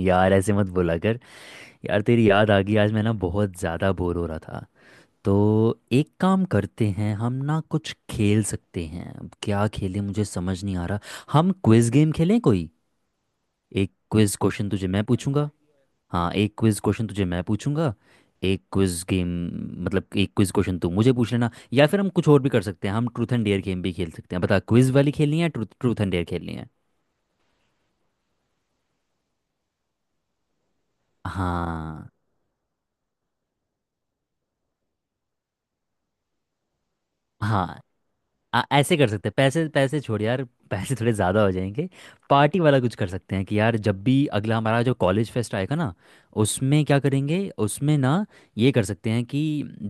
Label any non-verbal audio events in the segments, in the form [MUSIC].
यार ऐसे मत बोला कर। यार तेरी याद आ गई आज। मैं ना बहुत ज़्यादा बोर हो रहा था तो एक काम करते हैं। हम ना कुछ खेल सकते हैं। अब क्या खेलें मुझे समझ नहीं आ रहा। हम क्विज गेम खेलें कोई। एक क्विज क्वेश्चन तुझे मैं पूछूंगा। हाँ, एक क्विज क्वेश्चन तुझे मैं पूछूंगा। एक क्विज गेम। मतलब एक क्विज क्वेश्चन तू मुझे पूछ लेना या फिर हम कुछ और भी कर सकते हैं। हम ट्रूथ एंड डेयर गेम भी खेल सकते हैं। बता क्विज वाली खेलनी है ट्रूथ ट्रूथ एंड डेयर खेलनी है। हाँ, हाँ। ऐसे कर सकते हैं। पैसे पैसे छोड़ यार। पैसे थोड़े ज़्यादा हो जाएंगे। पार्टी वाला कुछ कर सकते हैं कि यार जब भी अगला हमारा जो कॉलेज फेस्ट आएगा ना, उसमें क्या करेंगे। उसमें ना, ये कर सकते हैं कि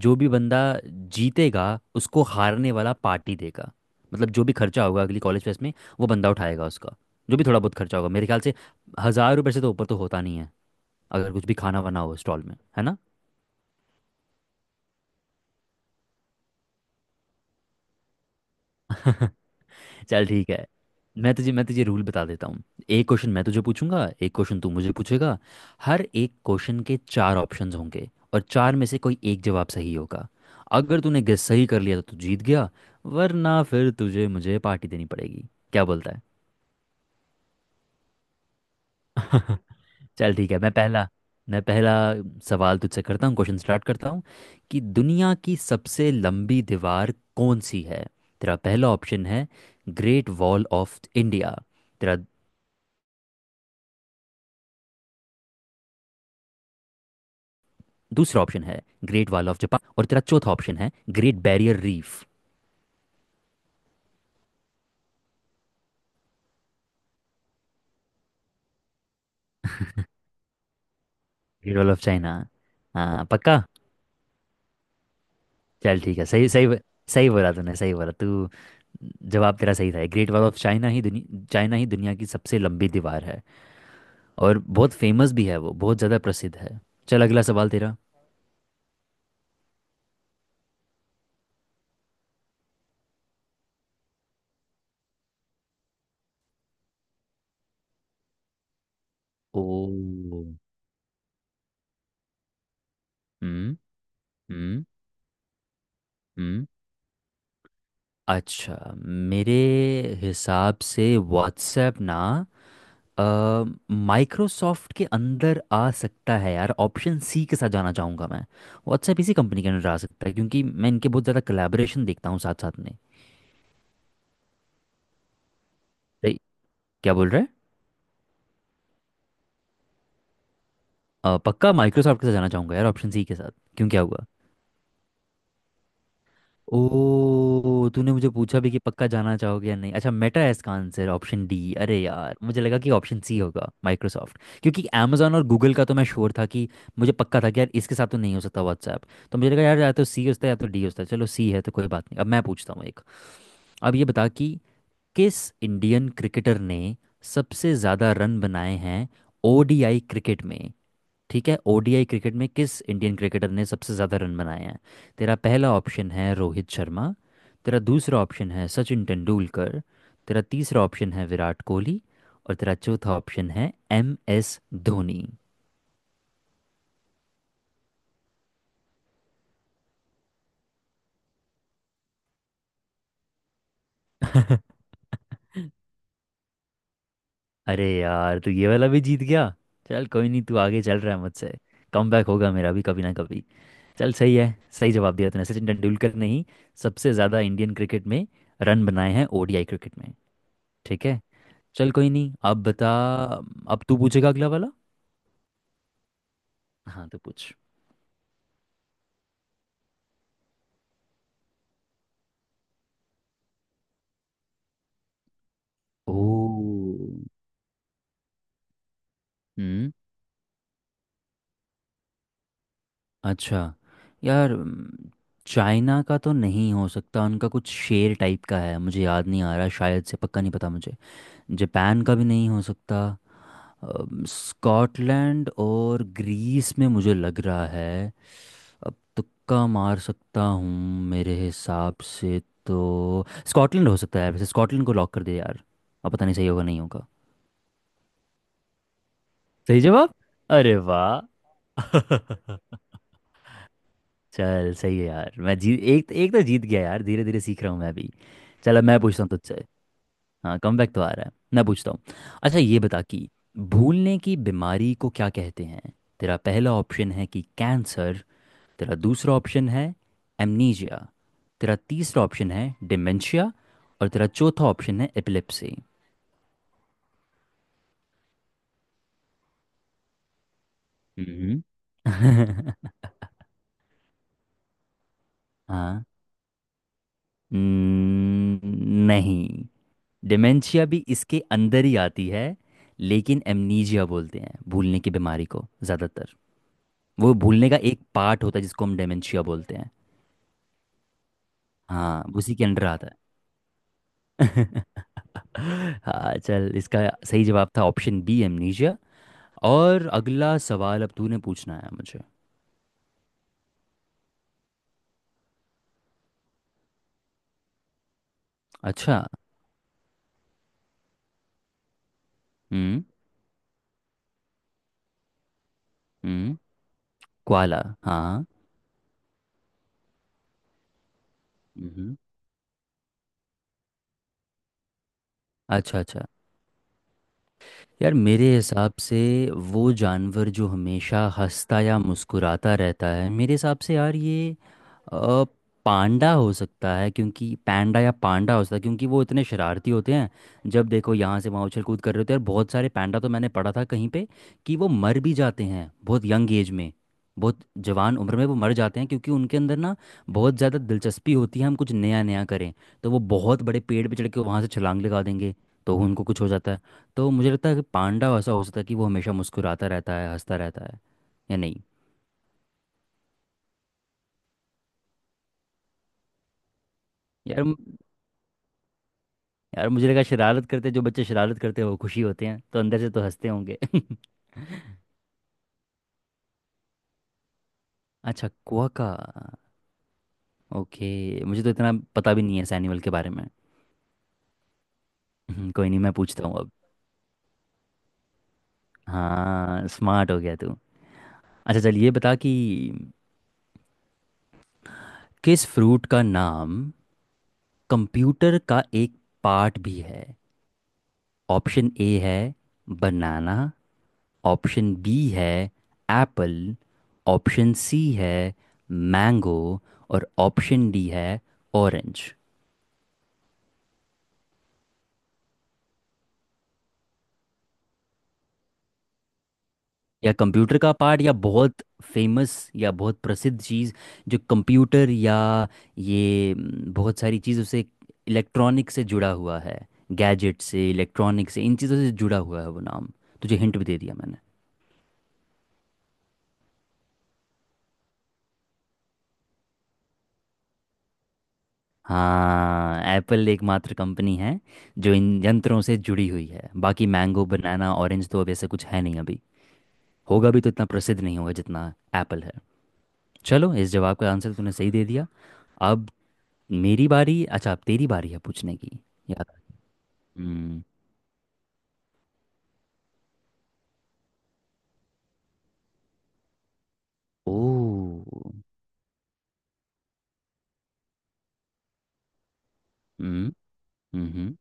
जो भी बंदा जीतेगा उसको हारने वाला पार्टी देगा। मतलब जो भी खर्चा होगा अगली कॉलेज फेस्ट में वो बंदा उठाएगा उसका। जो भी थोड़ा बहुत खर्चा होगा मेरे ख्याल से हज़ार रुपये से तो ऊपर तो होता नहीं है, अगर कुछ भी खाना वाना हो स्टॉल में, है ना। [LAUGHS] चल ठीक है। मैं तुझे रूल बता देता हूँ। एक क्वेश्चन मैं तुझे पूछूंगा, एक क्वेश्चन तू मुझे पूछेगा। हर एक क्वेश्चन के चार ऑप्शंस होंगे और चार में से कोई एक जवाब सही होगा। अगर तूने गेस सही कर लिया तो तू जीत गया, वरना फिर तुझे मुझे पार्टी देनी पड़ेगी। क्या बोलता है। [LAUGHS] चल ठीक है। मैं पहला सवाल तुझसे करता हूँ। क्वेश्चन स्टार्ट करता हूँ कि दुनिया की सबसे लंबी दीवार कौन सी है। तेरा पहला ऑप्शन है ग्रेट वॉल ऑफ इंडिया। तेरा दूसरा ऑप्शन है ग्रेट वॉल ऑफ जापान और तेरा चौथा ऑप्शन है great barrier reef. Great wall of China. हाँ, पक्का। चल ठीक है, सही सही। सही बोला तूने सही बोला तू। जवाब तेरा सही था। ग्रेट वॉल ऑफ चाइना ही दुनिया की सबसे लंबी दीवार है। और बहुत फेमस भी है वो, बहुत ज़्यादा प्रसिद्ध है। चल अगला सवाल तेरा। ओ। हम्म। हम्म। हम्म। अच्छा। मेरे हिसाब से व्हाट्सएप ना माइक्रोसॉफ्ट के अंदर आ सकता है यार। ऑप्शन सी के साथ जाना चाहूँगा मैं। व्हाट्सएप इसी कंपनी के अंदर आ सकता है क्योंकि मैं इनके बहुत ज़्यादा कोलैबोरेशन देखता हूँ साथ साथ में। सही, क्या बोल रहे हैं। पक्का माइक्रोसॉफ्ट के साथ जाना चाहूँगा यार, ऑप्शन सी के साथ। क्यों, क्या हुआ। ओ, तूने मुझे पूछा भी कि पक्का जाना चाहोगे या नहीं। अच्छा, मेटा है इसका आंसर, ऑप्शन डी। अरे यार, मुझे लगा कि ऑप्शन सी होगा, माइक्रोसॉफ्ट। क्योंकि amazon और गूगल का तो मैं श्योर था कि मुझे पक्का था कि यार इसके साथ तो नहीं हो सकता व्हाट्सएप। तो मुझे लगा यार या तो सी होता है या तो डी होता है। चलो सी है तो कोई बात नहीं। अब मैं पूछता हूँ एक। अब ये बता कि किस इंडियन क्रिकेटर ने सबसे ज़्यादा रन बनाए हैं ओडीआई क्रिकेट में। ठीक है, ओडीआई क्रिकेट में किस इंडियन क्रिकेटर ने सबसे ज़्यादा रन बनाए हैं। तेरा पहला ऑप्शन है रोहित शर्मा। तेरा दूसरा ऑप्शन है सचिन तेंदुलकर। तेरा तीसरा ऑप्शन है विराट कोहली। और तेरा चौथा ऑप्शन है एम एस धोनी। [LAUGHS] अरे यार, तू ये वाला भी जीत गया। चल कोई नहीं, तू आगे चल रहा है मुझसे। कम बैक होगा मेरा भी कभी ना कभी। चल सही है। सही जवाब दिया तूने, सचिन तेंदुलकर ने ही सबसे ज़्यादा इंडियन क्रिकेट में रन बनाए हैं ओडीआई क्रिकेट में। ठीक है, चल कोई नहीं, अब बता। अब तू पूछेगा अगला वाला। हाँ तो पूछ। ओ। हम्म। अच्छा। यार, चाइना का तो नहीं हो सकता, उनका कुछ शेर टाइप का है, मुझे याद नहीं आ रहा, शायद से पक्का नहीं पता मुझे। जापान का भी नहीं हो सकता। स्कॉटलैंड और ग्रीस में मुझे लग रहा है। अब तुक्का मार सकता हूँ मेरे हिसाब से। तो स्कॉटलैंड हो सकता है, वैसे स्कॉटलैंड को लॉक कर दे यार। अब पता नहीं सही होगा नहीं होगा। सही जवाब, अरे वाह। [LAUGHS] चल सही है यार, मैं जी एक एक तो जीत गया यार, धीरे धीरे सीख रहा हूँ मैं भी। चलो मैं पूछता हूँ तुझसे। हाँ, कम बैक तो आ रहा है, मैं पूछता हूँ। अच्छा ये बता कि भूलने की बीमारी को क्या कहते हैं। तेरा पहला ऑप्शन है कि कैंसर। तेरा दूसरा ऑप्शन है एमनीजिया। तेरा तीसरा ऑप्शन है डिमेंशिया। और तेरा चौथा ऑप्शन है एपिलेप्सी। हम्म। [LAUGHS] हाँ। न- नहीं, डिमेंशिया भी इसके अंदर ही आती है, लेकिन एमनीजिया बोलते हैं भूलने की बीमारी को ज़्यादातर। वो भूलने का एक पार्ट होता है जिसको हम डिमेंशिया बोलते हैं। हाँ, उसी के अंडर आता है। [LAUGHS] हाँ चल, इसका सही जवाब था ऑप्शन बी, एमनीजिया। और अगला सवाल अब तूने पूछना है मुझे। अच्छा। हम्म। हम्म। क्वाला, हाँ। हम्म। अच्छा अच्छा। यार मेरे हिसाब से वो जानवर जो हमेशा हंसता या मुस्कुराता रहता है, मेरे हिसाब से यार ये अ, पांडा हो सकता है। क्योंकि पैंडा या पांडा हो सकता है क्योंकि वो इतने शरारती होते हैं, जब देखो यहाँ से वहाँ उछल कूद कर रहे होते हैं। और बहुत सारे पैंडा तो मैंने पढ़ा था कहीं पे कि वो मर भी जाते हैं बहुत यंग एज में। बहुत जवान उम्र में वो मर जाते हैं क्योंकि उनके अंदर ना बहुत ज़्यादा दिलचस्पी होती है हम कुछ नया नया करें। तो वो बहुत बड़े पेड़ पे चढ़ के वहाँ से छलांग लगा देंगे तो उनको कुछ हो जाता है। तो मुझे लगता है कि पांडा ऐसा हो सकता है कि वो हमेशा मुस्कुराता रहता है, हंसता रहता है, या नहीं। यार, यार मुझे लगा शरारत करते, जो बच्चे शरारत करते हैं वो खुशी होते हैं, तो अंदर से तो हंसते होंगे। [LAUGHS] अच्छा, क्वाका, ओके। मुझे तो इतना पता भी नहीं है इस एनिमल के बारे में। कोई नहीं, मैं पूछता हूँ अब। हाँ स्मार्ट हो गया तू। अच्छा चल ये बता कि किस फ्रूट का नाम कंप्यूटर का एक पार्ट भी है। ऑप्शन ए है बनाना। ऑप्शन बी है एप्पल। ऑप्शन सी है मैंगो। और ऑप्शन डी है ऑरेंज। या कंप्यूटर का पार्ट या बहुत फेमस या बहुत प्रसिद्ध चीज़ जो कंप्यूटर या ये बहुत सारी चीज़ों से इलेक्ट्रॉनिक से जुड़ा हुआ है, गैजेट से इलेक्ट्रॉनिक से इन चीज़ों से जुड़ा हुआ है वो नाम। तुझे हिंट भी दे दिया मैंने। हाँ, एप्पल एकमात्र कंपनी है जो इन यंत्रों से जुड़ी हुई है। बाकी मैंगो, बनाना, ऑरेंज तो अब ऐसा कुछ है नहीं अभी, होगा भी तो इतना प्रसिद्ध नहीं होगा जितना एप्पल है। चलो इस जवाब का आंसर तूने सही दे दिया। अब मेरी बारी। अच्छा अब तेरी बारी है पूछने की। याद। हम्म। ओ। हम्म। हम्म।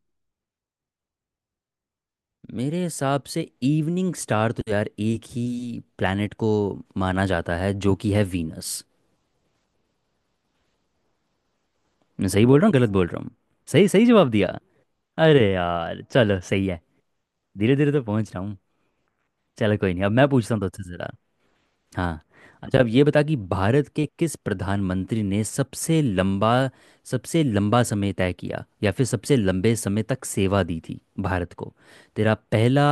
मेरे हिसाब से इवनिंग स्टार तो यार एक ही प्लैनेट को माना जाता है, जो कि है वीनस। मैं सही बोल रहा हूँ गलत बोल रहा हूँ। सही, सही जवाब दिया। अरे यार चलो सही है, धीरे धीरे तो पहुंच रहा हूँ। चलो कोई नहीं, अब मैं पूछता हूँ तुझसे। हाँ। अच्छा अब ये बता कि भारत के किस प्रधानमंत्री ने सबसे लंबा समय तय किया या फिर सबसे लंबे समय तक सेवा दी थी भारत को। तेरा पहला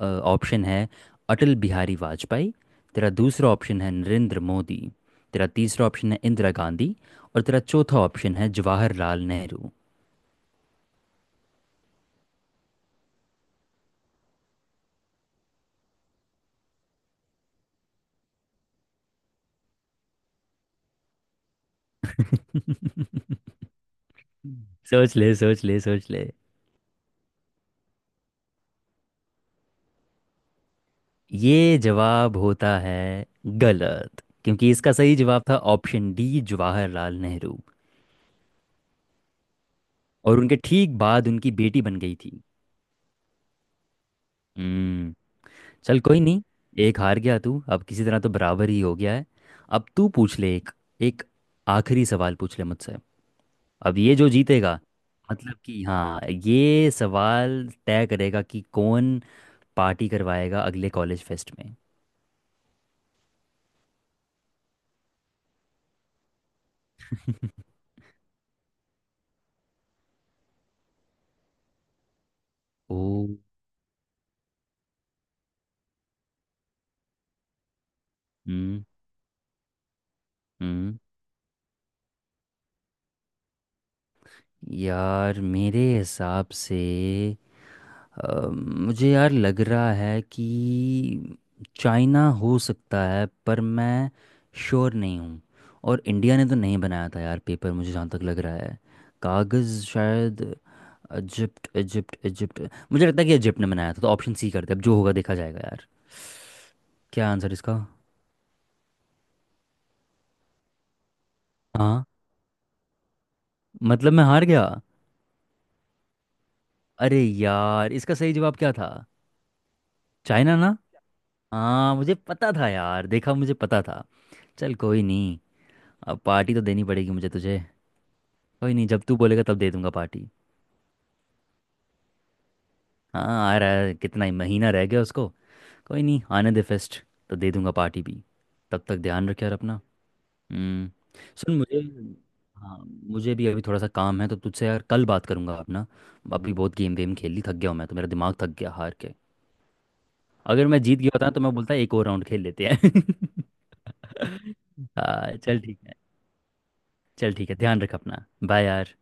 ऑप्शन है अटल बिहारी वाजपेयी। तेरा दूसरा ऑप्शन है नरेंद्र मोदी। तेरा तीसरा ऑप्शन है इंदिरा गांधी। और तेरा चौथा ऑप्शन है जवाहरलाल नेहरू। [LAUGHS] सोच ले सोच ले सोच ले। ये जवाब होता है गलत, क्योंकि इसका सही जवाब था ऑप्शन डी, जवाहरलाल नेहरू। और उनके ठीक बाद उनकी बेटी बन गई थी। हम्म। चल कोई नहीं, एक हार गया तू, अब किसी तरह तो बराबर ही हो गया है। अब तू पूछ ले एक, एक आखिरी सवाल पूछ ले मुझसे। अब ये जो जीतेगा, मतलब कि हाँ, ये सवाल तय करेगा कि कौन पार्टी करवाएगा अगले कॉलेज फेस्ट में। [LAUGHS] ओ। हम्म। हम्म। यार मेरे हिसाब से मुझे यार लग रहा है कि चाइना हो सकता है पर मैं श्योर नहीं हूँ। और इंडिया ने तो नहीं बनाया था यार पेपर, मुझे जहाँ तक लग रहा है कागज़ शायद इजिप्ट, इजिप्ट। मुझे लगता है कि इजिप्ट ने बनाया था तो ऑप्शन सी करते हैं, अब जो होगा देखा जाएगा यार। क्या आंसर इसका। हाँ, मतलब मैं हार गया। अरे यार, इसका सही जवाब क्या था। चाइना ना? हाँ, मुझे पता था यार, देखा, मुझे पता था। चल कोई नहीं, अब पार्टी तो देनी पड़ेगी मुझे तुझे। कोई नहीं, जब तू बोलेगा तब दे दूंगा पार्टी। हाँ, आ रहा है कितना ही महीना रह गया उसको। कोई नहीं, आने दे फेस्ट तो दे दूंगा पार्टी भी। तब तक ध्यान रख यार अपना। हम्म। सुन मुझे, हाँ, मुझे भी अभी थोड़ा सा काम है तो तुझसे यार कल बात करूंगा अपना। अभी बहुत गेम वेम खेल ली, थक गया हूँ मैं तो, मेरा दिमाग थक गया हार के। अगर मैं जीत गया होता ना, तो मैं बोलता एक और राउंड खेल लेते हैं। [LAUGHS] हाँ चल ठीक है। चल ठीक है, ध्यान रख अपना। बाय यार।